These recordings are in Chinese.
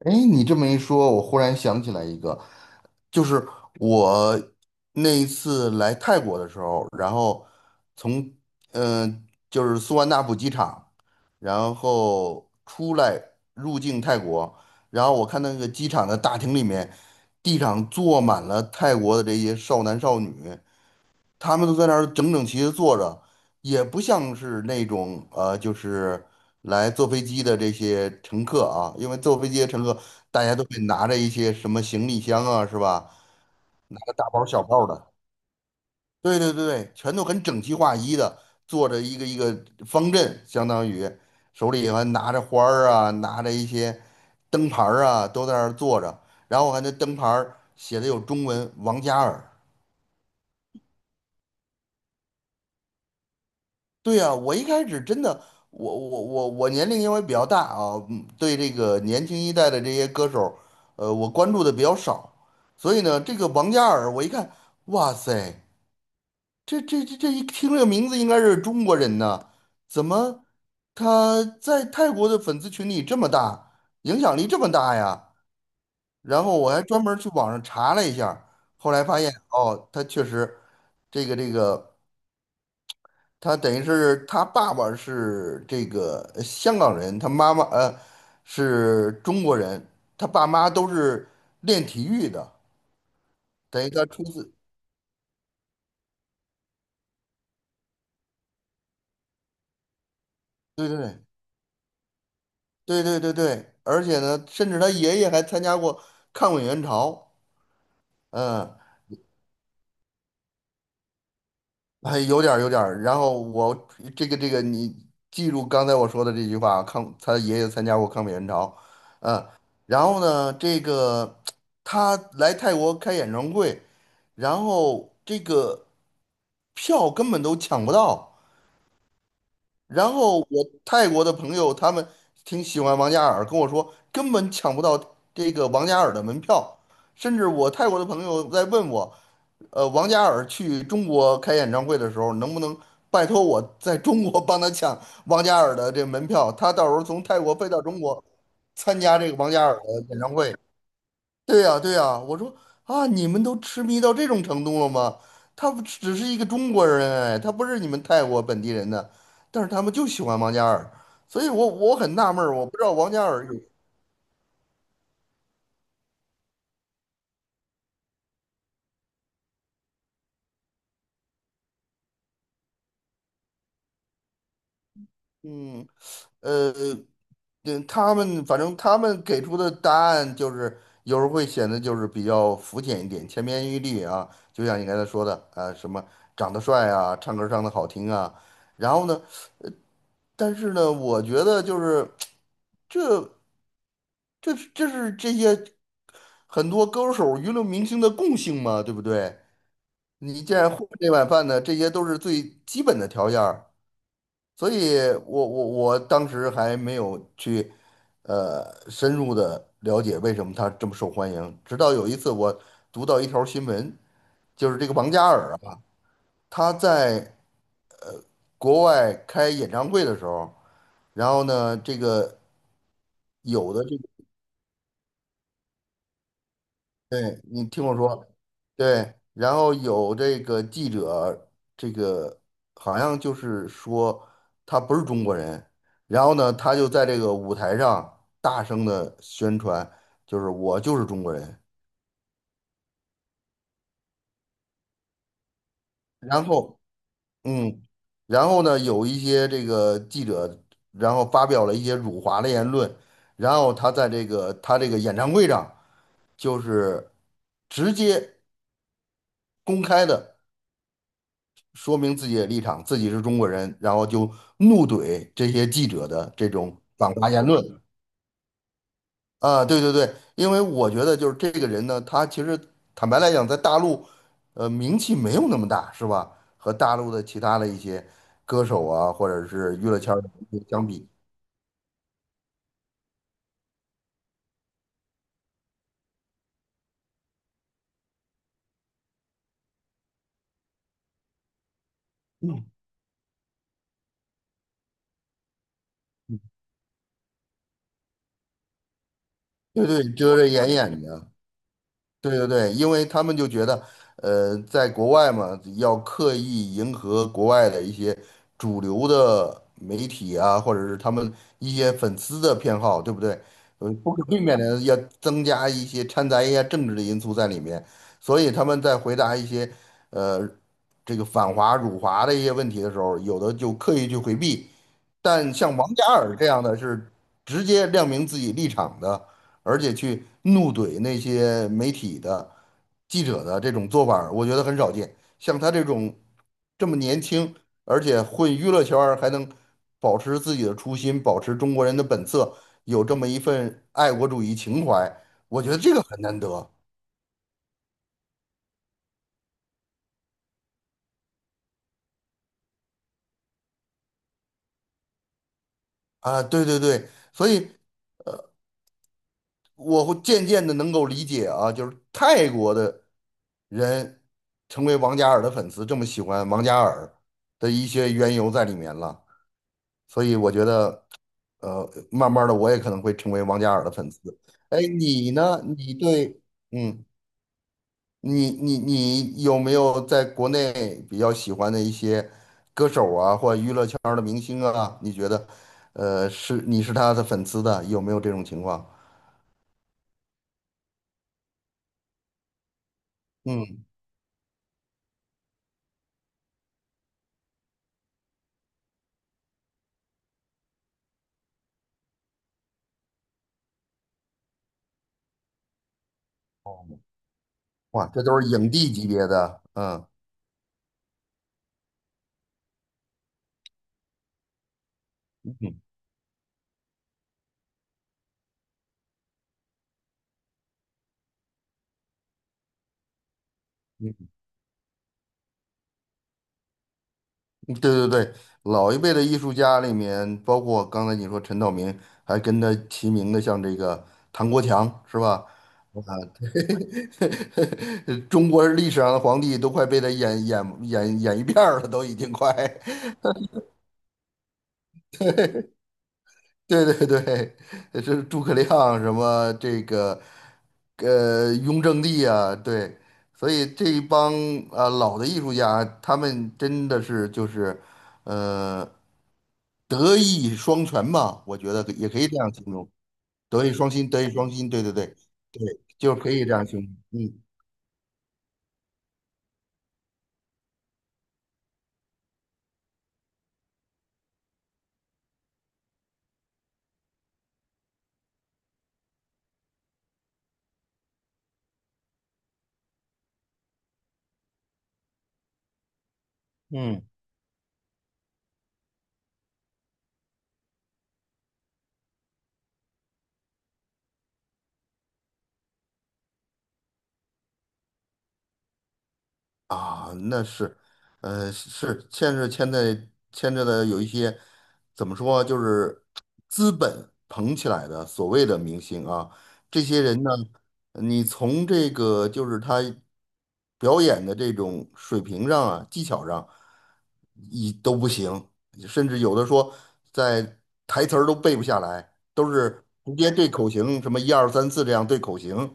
哎，你这么一说，我忽然想起来一个，就是我那一次来泰国的时候，然后从嗯、呃就是苏万那普机场，然后出来入境泰国，然后我看那个机场的大厅里面，地上坐满了泰国的这些少男少女，他们都在那儿整整齐齐地坐着，也不像是那种就是来坐飞机的这些乘客啊，因为坐飞机的乘客大家都会拿着一些什么行李箱啊，是吧？拿个大包小包的，对对对对，全都很整齐划一的坐着一个一个方阵，相当于手里还拿着花儿啊，拿着一些灯牌儿啊，都在那儿坐着，然后还那灯牌儿写的有中文“王嘉尔”。对呀，我一开始真的，我年龄因为比较大啊，嗯对这个年轻一代的这些歌手，我关注的比较少，所以呢，这个王嘉尔，我一看，哇塞，这一听这个名字应该是中国人呢，怎么他在泰国的粉丝群体这么大，影响力这么大呀？然后我还专门儿去网上查了一下儿后来发现哦，他确实这个这个。他等于是他爸爸是这个香港人，他妈妈是中国人，他爸妈都是练体育的，等于他出自，对对对对对对对，而且呢，甚至他爷爷还参加过抗美援朝，嗯，还有点儿有点儿。然后我你记住刚才我说的这句话啊，抗他爷爷参加过抗美援朝，嗯，然后呢，这个他来泰国开演唱会，然后这个票根本都抢不到。然后我泰国的朋友他们挺喜欢王嘉尔，跟我说根本抢不到这个王嘉尔的门票。甚至我泰国的朋友在问我，王嘉尔去中国开演唱会的时候，能不能拜托我在中国帮他抢王嘉尔的这门票？他到时候从泰国飞到中国参加这个王嘉尔的演唱会。对呀，对呀，我说啊，你们都痴迷到这种程度了吗？他不只是一个中国人，哎，他不是你们泰国本地人的，但是他们就喜欢王嘉尔，所以我很纳闷儿，我不知道王嘉尔有，嗯，呃，他们反正他们给出的答案就是有时候会显得就是比较肤浅一点，千篇一律啊，就像你刚才说的啊，什么长得帅啊，唱歌唱的好听啊，然后呢，但是呢，我觉得就是。这是这些很多歌手、娱乐明星的共性嘛，对不对？你既然混这碗饭呢，这些都是最基本的条件儿。所以我当时还没有去深入的了解为什么他这么受欢迎，直到有一次我读到一条新闻，就是这个王嘉尔啊，他在国外开演唱会的时候，然后呢，对，你听我说，对，然后有这个记者，这个好像就是说他不是中国人，然后呢，他就在这个舞台上大声的宣传，就是我就是中国人。然后，嗯，然后呢，有一些这个记者，然后发表了一些辱华的言论，然后他在这个他这个演唱会上就是直接公开的。说明自己的立场，自己是中国人，然后就怒怼这些记者的这种反华言论啊，对对对，因为我觉得就是这个人呢，他其实坦白来讲，在大陆，名气没有那么大，是吧？和大陆的其他的一些歌手啊，或者是娱乐圈儿的相比，对对，遮遮掩掩的，对对对，因为他们就觉得，在国外嘛，要刻意迎合国外的一些主流的媒体啊，或者是他们一些粉丝的偏好，对不对？不可避免的要增加一些掺杂一些政治的因素在里面，所以他们在回答一些，呃，这个反华辱华的一些问题的时候，有的就刻意去回避，但像王嘉尔这样的是直接亮明自己立场的。而且去怒怼那些媒体的记者的这种做法儿我觉得很少见。像他这种这么年轻，而且混娱乐圈儿还能保持自己的初心，保持中国人的本色，有这么一份爱国主义情怀，我觉得这个很难得啊！对对对，所以我会渐渐的能够理解啊，就是泰国的人成为王嘉尔的粉丝，这么喜欢王嘉尔的一些缘由在里面了。所以我觉得，慢慢的我也可能会成为王嘉尔的粉丝。哎，你呢？你对，嗯，你有没有在国内比较喜欢的一些这样的明星啊？你觉得，是他的粉丝的，有没有这种情况？嗯，哦哇，这都是影帝级别的，嗯嗯嗯对对对，老一辈的艺术家里面，包括刚才你说陈道明，还跟他齐名的，像这个唐国强，是吧？啊，中国历史上的皇帝都快被他演演演演一遍儿了，都已经快。对对对，这是诸葛亮什么这个，雍正帝啊，对，所以这一帮啊老的艺术家，他们真的是就是，呃，德艺双全吧，我觉得也可以这样形容，德艺双馨，德艺双馨，对对对，对，就是可以这样形容，嗯嗯。啊，那是，呃，是牵是牵在牵着的有一些怎么说，就是资本捧起来的所谓的明星啊，这些人呢，你从这个就是他表演的这种水平上啊，技巧上，一都不行，甚至有的说在台词儿都背不下来，都是直接对口型，什么一二三四这样对口型，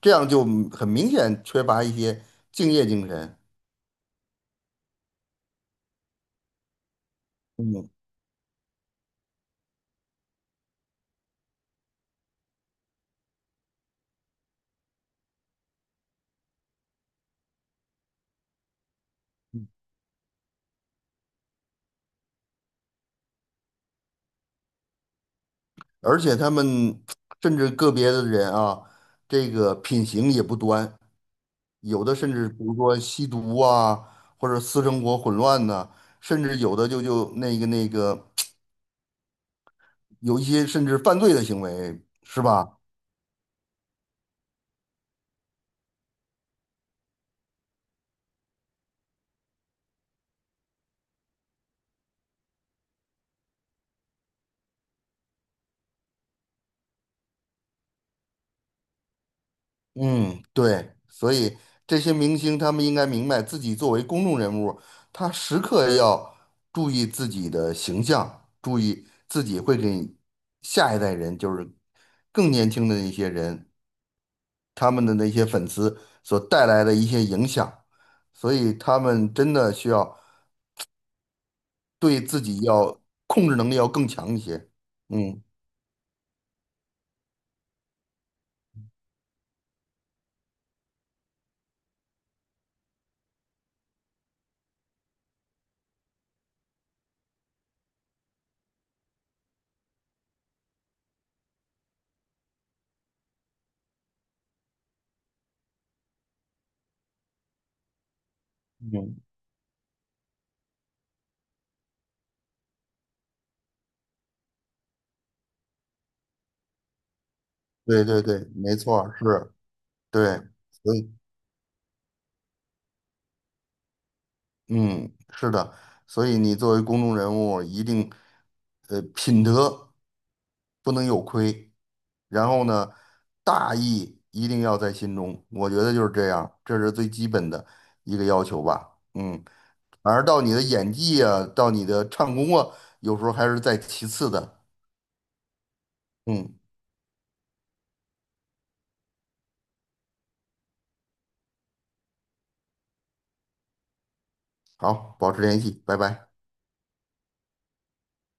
这样就很明显缺乏一些敬业精神。嗯，而且他们甚至个别的人啊，这个品行也不端，有的甚至比如说吸毒啊，或者私生活混乱呢，甚至有的就那个有一些甚至犯罪的行为，是吧？嗯，对，所以这些明星他们应该明白，自己作为公众人物，他时刻要注意自己的形象，注意自己会给下一代人，就是更年轻的一些人。他们的那些粉丝所带来的一些影响，所以他们真的需要对自己要控制能力要更强一些。嗯，嗯，对对对，没错儿是，对，所以嗯，是的，所以你作为公众人物，一定品德不能有亏，然后呢，大义一定要在心中，我觉得就是这样，这是最基本的一个要求吧。嗯。反而到你的演技啊，到你的唱功啊，有时候还是在其次的。嗯，好，保持联系，拜拜。